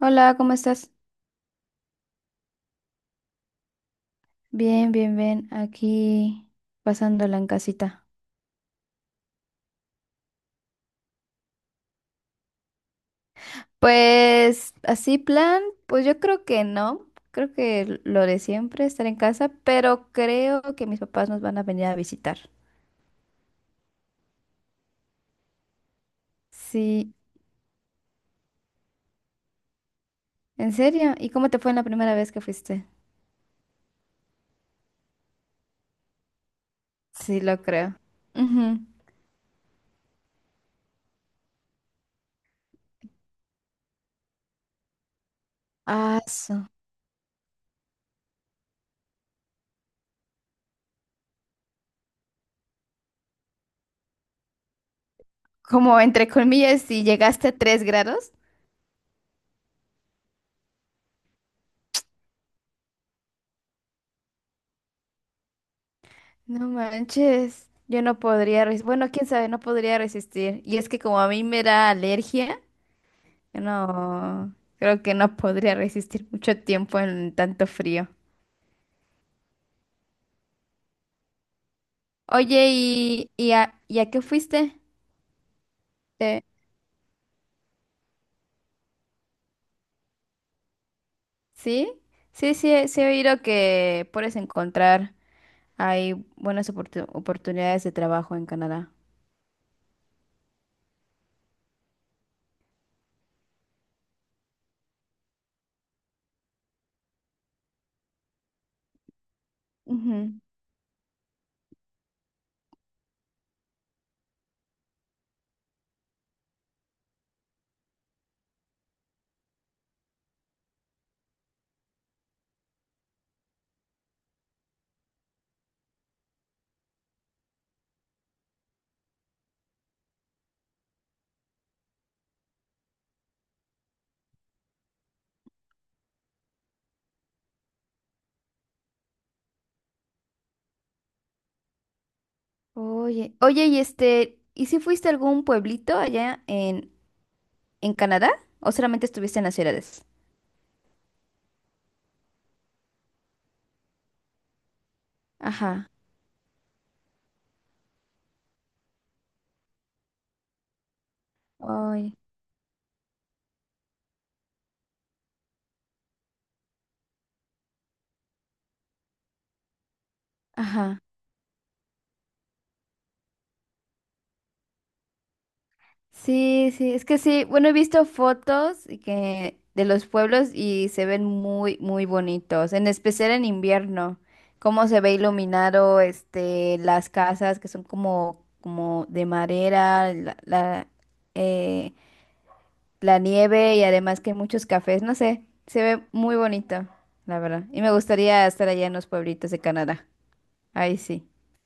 Hola, ¿cómo estás? Bien, bien, bien. Aquí pasándola en casita. Pues así plan, pues yo creo que no. Creo que lo de siempre, estar en casa, pero creo que mis papás nos van a venir a visitar. Sí, ¿en serio? ¿Y cómo te fue en la primera vez que fuiste? Sí, lo creo. Ujú. Ah, Como entre comillas, si llegaste a 3 grados. No manches, yo no podría resistir. Bueno, quién sabe, no podría resistir. Y es que como a mí me da alergia. No, creo que no podría resistir mucho tiempo en tanto frío. Oye, ¿y a qué fuiste? Eh, ¿Sí? Sí, sí, sí he oído que puedes encontrar hay buenas oportunidades de trabajo en Canadá. Ujú. Oye, oye, y este, ¿y si fuiste a algún pueblito allá en, Canadá? ¿O solamente estuviste en las ciudades? Ajá. Oye, ajá. Sí, sí, es que sí, bueno, he visto fotos y que de los pueblos y se ven muy, muy bonitos, en especial en invierno, cómo se ve iluminado, este, las casas que son como, como de madera, eh, la nieve y además que hay muchos cafés, no sé, se ve muy bonito, la verdad. Y me gustaría estar allá en los pueblitos de Canadá. Ahí sí.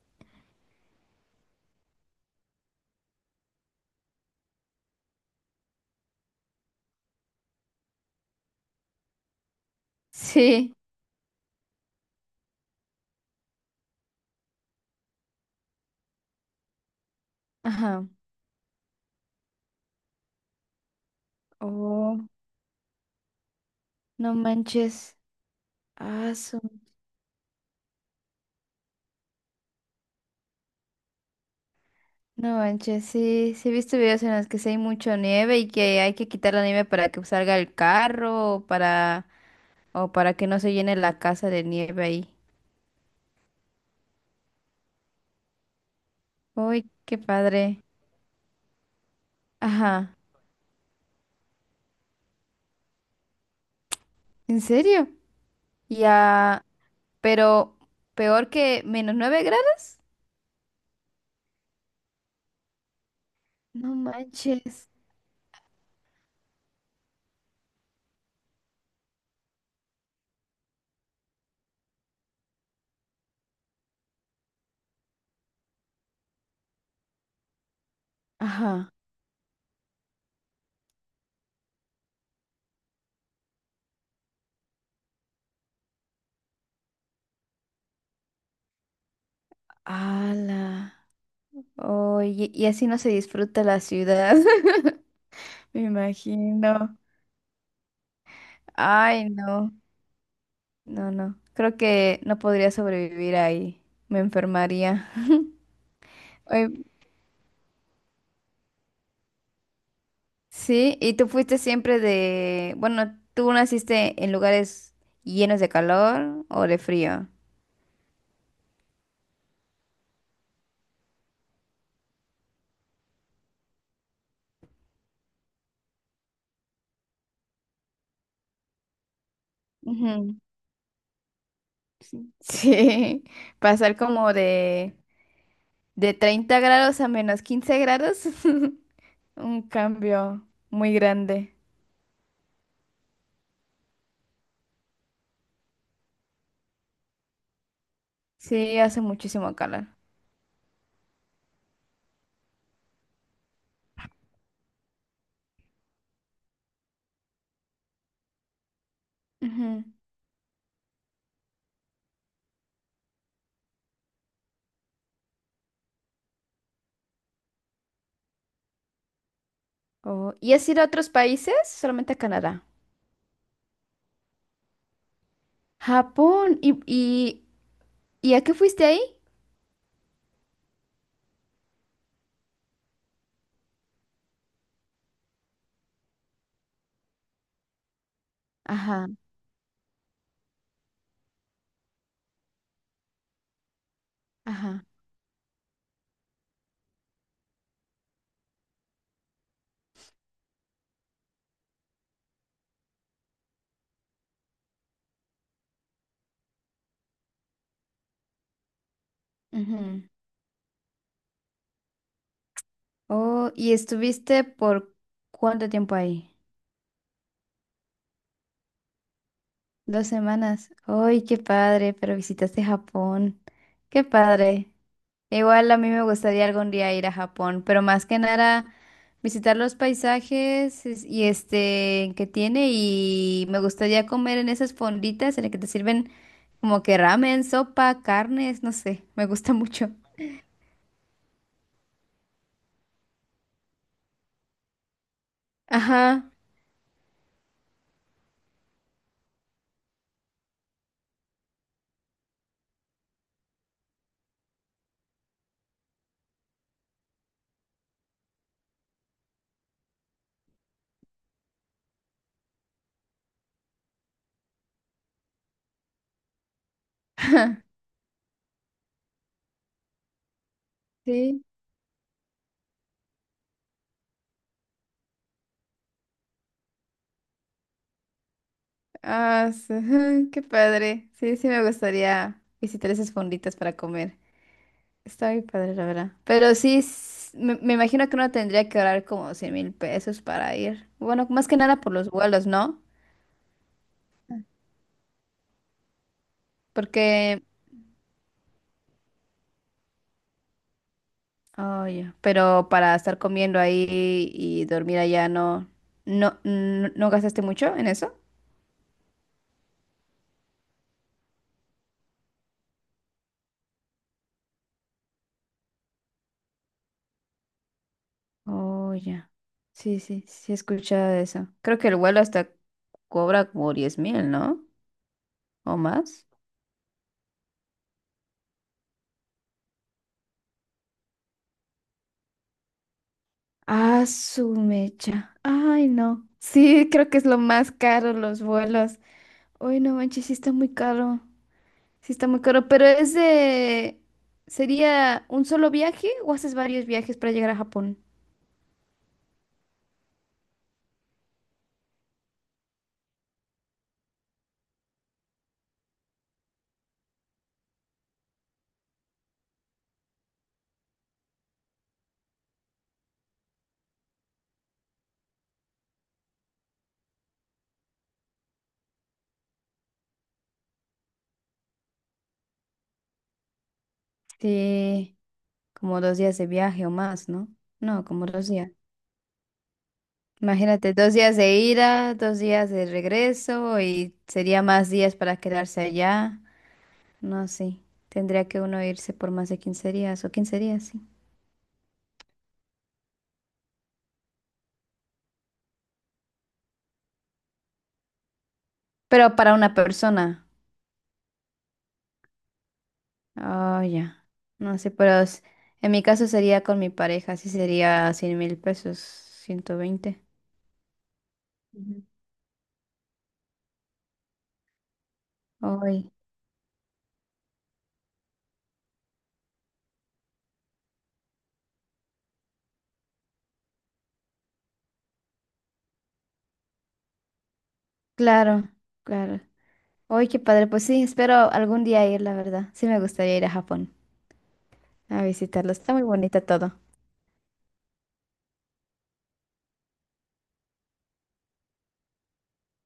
Sí. Ajá. Oh, no manches. Ah, no manches, sí, sí he visto videos en los que sí hay mucha nieve y que hay que quitar la nieve para que salga el carro o para que no se llene la casa de nieve ahí. Uy, qué padre. Ajá, ¿en serio? Ya, pero peor que -9 grados. No manches. Ajá. Ala. Oye, y así no se disfruta la ciudad. Me imagino. Ay, no. No, no. Creo que no podría sobrevivir ahí. Me enfermaría. Oye, sí, y tú fuiste siempre de... Bueno, ¿tú naciste en lugares llenos de calor o de frío? Ujú. Sí, sí, pasar como de 30 grados a -15 grados, un cambio muy grande. Sí, hace muchísimo calor. Ujú. Oh, ¿y has ido a otros países? Solamente a Canadá. Japón. ¿Y a qué fuiste ahí? Ajá, ajá. Ujú. Oh, ¿y estuviste por cuánto tiempo ahí? 2 semanas. ¡Ay, qué padre! Pero visitaste Japón. ¡Qué padre! Igual a mí me gustaría algún día ir a Japón, pero más que nada visitar los paisajes y este que tiene y me gustaría comer en esas fonditas en las que te sirven como que ramen, sopa, carnes, no sé, me gusta mucho. Ajá. Sí. Ah, sí, qué padre. Sí, sí me gustaría visitar esas fonditas para comer. Está muy padre, la verdad. Pero sí, me imagino que uno tendría que ahorrar como 100 mil pesos para ir. Bueno, más que nada por los vuelos, ¿no? Porque, oh, ya, pero para estar comiendo ahí y dormir allá, ¿no? ¿No, no, no gastaste mucho en eso? Oh, ya. Sí, sí, sí he escuchado eso. Creo que el vuelo hasta cobra como 10,000, ¿no? ¿O más? Ah, su mecha. Ay, no. Sí, creo que es lo más caro los vuelos. Uy, no manches, sí está muy caro. Sí está muy caro, pero es de... ¿Sería un solo viaje o haces varios viajes para llegar a Japón? Sí, como 2 días de viaje o más, ¿no? No, como 2 días. Imagínate, 2 días de ida, 2 días de regreso y sería más días para quedarse allá. No, sí. Tendría que uno irse por más de 15 días o 15 días, sí. Pero para una persona. Oh, ya. No sé, pero en mi caso sería con mi pareja, sí sería 100,000 pesos, 120. Ujú. Hoy, claro, claro. Hoy, qué padre. Pues sí, espero algún día ir, la verdad. Sí, me gustaría ir a Japón a visitarlo. Está muy bonito todo.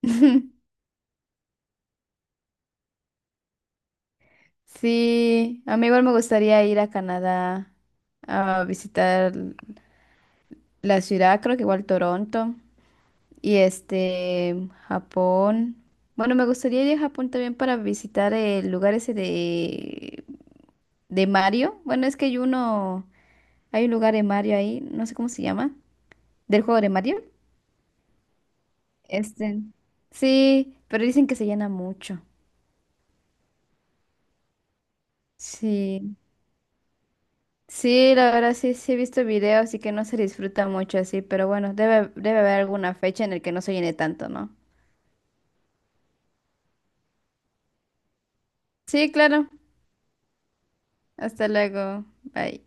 Sí, a mí igual me gustaría ir a Canadá a visitar la ciudad, creo que igual Toronto. Y este, Japón. Bueno, me gustaría ir a Japón también para visitar el lugar ese de Mario. Bueno, es que hay uno, hay un lugar de Mario ahí, no sé cómo se llama, del juego de Mario. Este, sí, pero dicen que se llena mucho. Sí, sí, la verdad sí, sí he visto videos y que no se disfruta mucho así, pero bueno, debe haber alguna fecha en la que no se llene tanto, ¿no? Sí, claro. Hasta luego. Bye.